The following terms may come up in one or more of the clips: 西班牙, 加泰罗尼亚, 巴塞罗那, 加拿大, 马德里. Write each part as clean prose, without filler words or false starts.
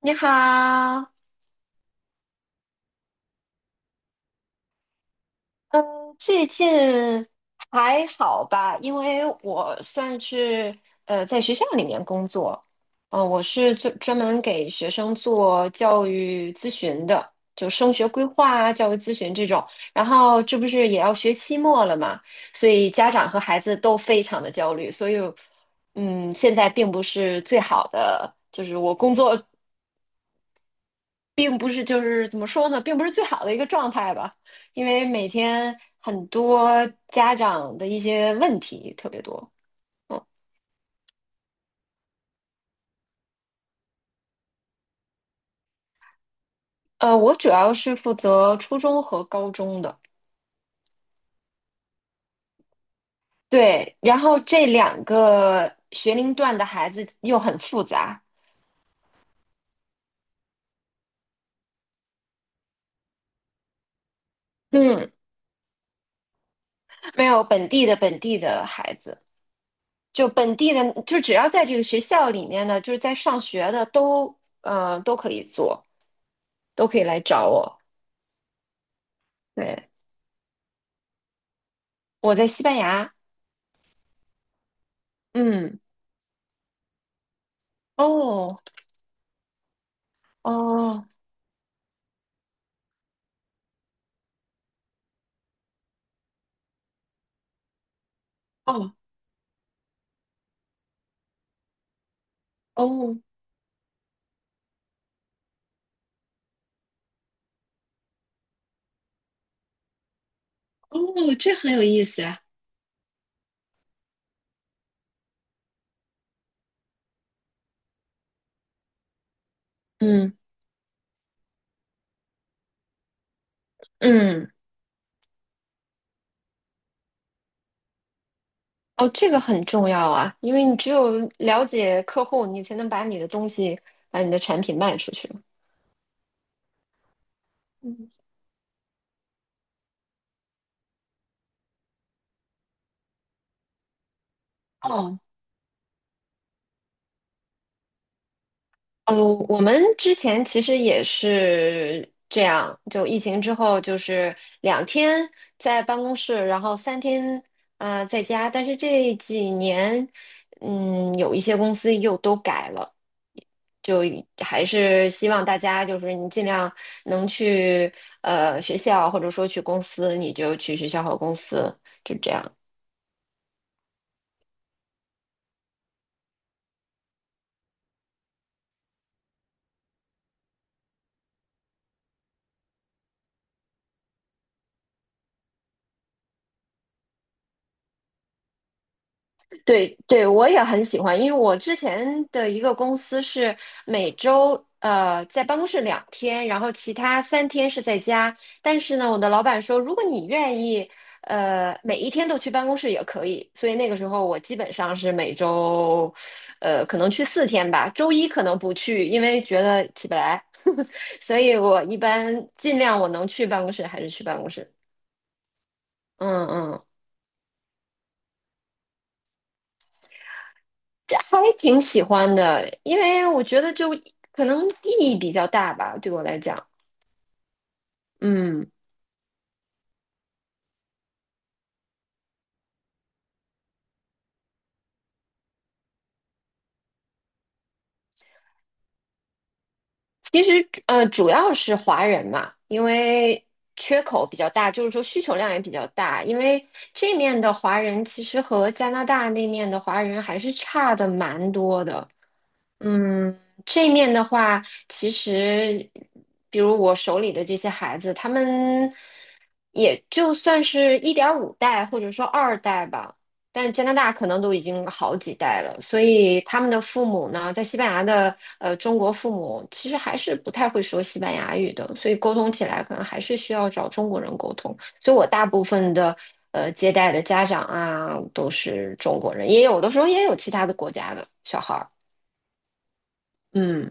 你好，嗯，最近还好吧？因为我算是在学校里面工作，我是专门给学生做教育咨询的，就升学规划啊、教育咨询这种。然后这不是也要学期末了嘛，所以家长和孩子都非常的焦虑，所以现在并不是最好的，就是我工作并不是就是怎么说呢，并不是最好的一个状态吧，因为每天很多家长的一些问题特别多。嗯，我主要是负责初中和高中的，对，然后这两个学龄段的孩子又很复杂。嗯，没有本地的孩子，就本地的，就只要在这个学校里面呢，就是在上学的都，都可以做，都可以来找我。对，我在西班牙，嗯。哦哦哦哦哦，这很有意思呀。嗯嗯，哦，这个很重要啊，因为你只有了解客户，你才能把你的东西、把你的产品卖出去。嗯，哦哦，我们之前其实也是这样，就疫情之后就是两天在办公室，然后三天啊在家，但是这几年，嗯，有一些公司又都改了。就还是希望大家就是你尽量能去学校或者说去公司，你就去学校和公司，就这样。对对，我也很喜欢，因为我之前的一个公司是每周在办公室两天，然后其他三天是在家。但是呢，我的老板说，如果你愿意，每一天都去办公室也可以。所以那个时候我基本上是每周，可能去4天吧，周一可能不去，因为觉得起不来。所以我一般尽量我能去办公室还是去办公室。嗯嗯，这还挺喜欢的，因为我觉得就可能意义比较大吧，对我来讲。嗯其实，主要是华人嘛，因为缺口比较大，就是说需求量也比较大。因为这面的华人其实和加拿大那面的华人还是差的蛮多的。嗯，这面的话，其实比如我手里的这些孩子，他们也就算是1.5代或者说二代吧，但加拿大可能都已经好几代了，所以他们的父母呢，在西班牙的中国父母其实还是不太会说西班牙语的，所以沟通起来可能还是需要找中国人沟通。所以我大部分的接待的家长啊都是中国人，也有的时候也有其他的国家的小孩儿。嗯，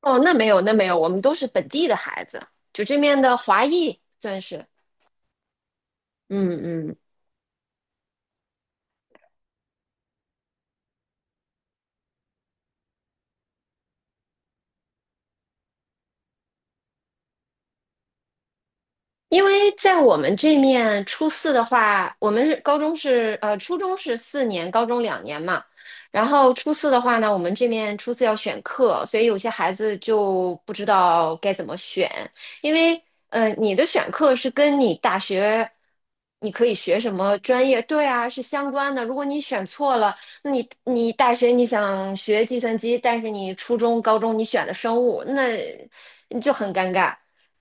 哦，那没有，那没有，我们都是本地的孩子，就这面的华裔算是。嗯嗯。因为在我们这面，初四的话，我们是高中是初中是四年，高中两年嘛。然后初四的话呢，我们这面初四要选课，所以有些孩子就不知道该怎么选，因为你的选课是跟你大学你可以学什么专业，对啊，是相关的。如果你选错了，那你大学你想学计算机，但是你初中、高中你选的生物，那你就很尴尬。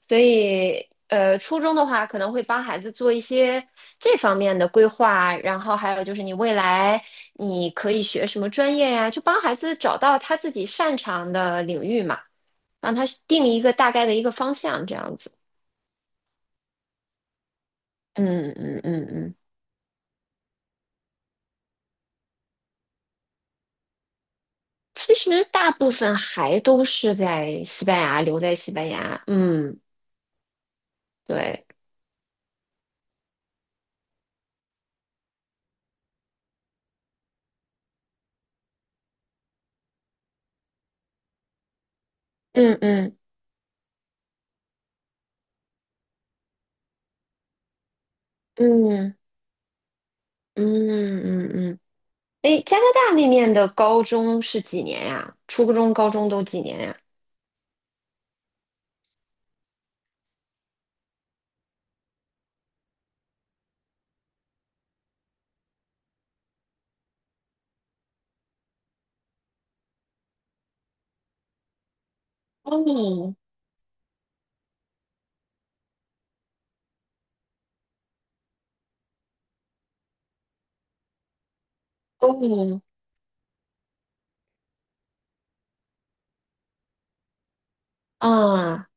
所以，初中的话可能会帮孩子做一些这方面的规划，然后还有就是你未来你可以学什么专业呀，就帮孩子找到他自己擅长的领域嘛，让他定一个大概的一个方向，这样子。嗯嗯嗯嗯，其实大部分还都是在西班牙，留在西班牙。嗯，对，嗯嗯嗯嗯嗯嗯嗯。诶，加拿大那面的高中是几年呀？初中、高中都几年呀？哦哦啊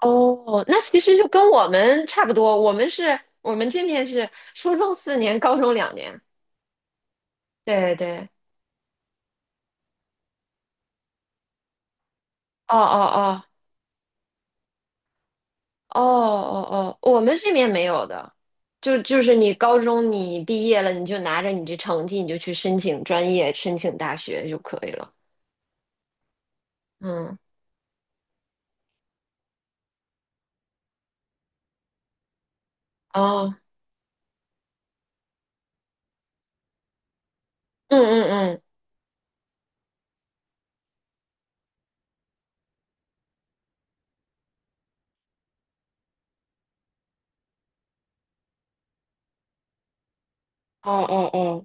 哦，那其实就跟我们差不多。我们这面是初中四年，高中两年。对对，哦哦哦哦哦哦，我们这面没有的，就是你高中你毕业了，你就拿着你这成绩，你就去申请专业、申请大学就可以了。嗯，哦，嗯嗯嗯，哦哦哦。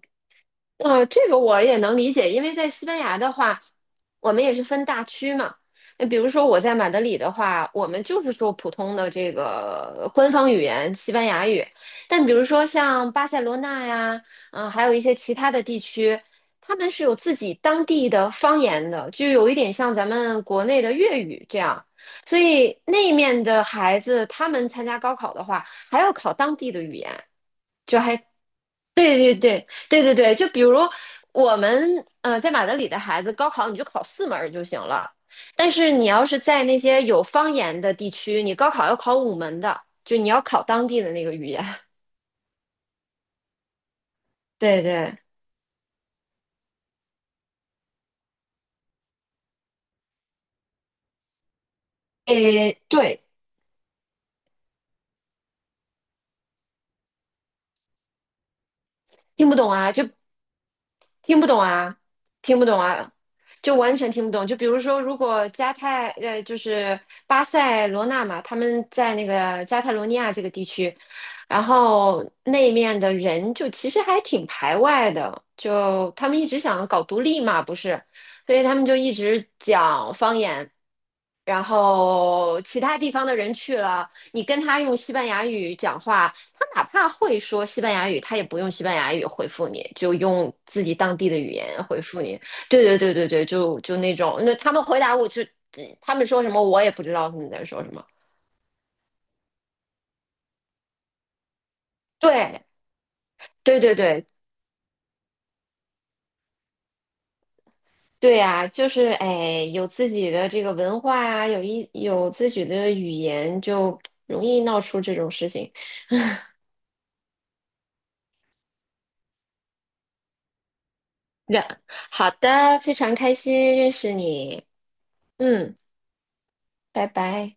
啊，这个我也能理解，因为在西班牙的话，我们也是分大区嘛。那比如说我在马德里的话，我们就是说普通的这个官方语言西班牙语。但比如说像巴塞罗那呀，还有一些其他的地区，他们是有自己当地的方言的，就有一点像咱们国内的粤语这样。所以那面的孩子，他们参加高考的话，还要考当地的语言。就还对对对对对对，就比如我们在马德里的孩子，高考你就考4门儿就行了，但是你要是在那些有方言的地区，你高考要考5门的，就你要考当地的那个语言。对对，诶，对，听不懂啊，就听不懂啊，听不懂啊，就完全听不懂。就比如说，如果就是巴塞罗那嘛，他们在那个加泰罗尼亚这个地区，然后那面的人就其实还挺排外的，就他们一直想搞独立嘛，不是，所以他们就一直讲方言。然后其他地方的人去了，你跟他用西班牙语讲话，他哪怕会说西班牙语，他也不用西班牙语回复你，就用自己当地的语言回复你。对对对对对，就那种，那他们回答我就，他们说什么我也不知道他们在说什么。对对对对对呀、就是哎，有自己的这个文化啊，有自己的语言，就容易闹出这种事情。那好的，非常开心认识你，嗯，拜拜。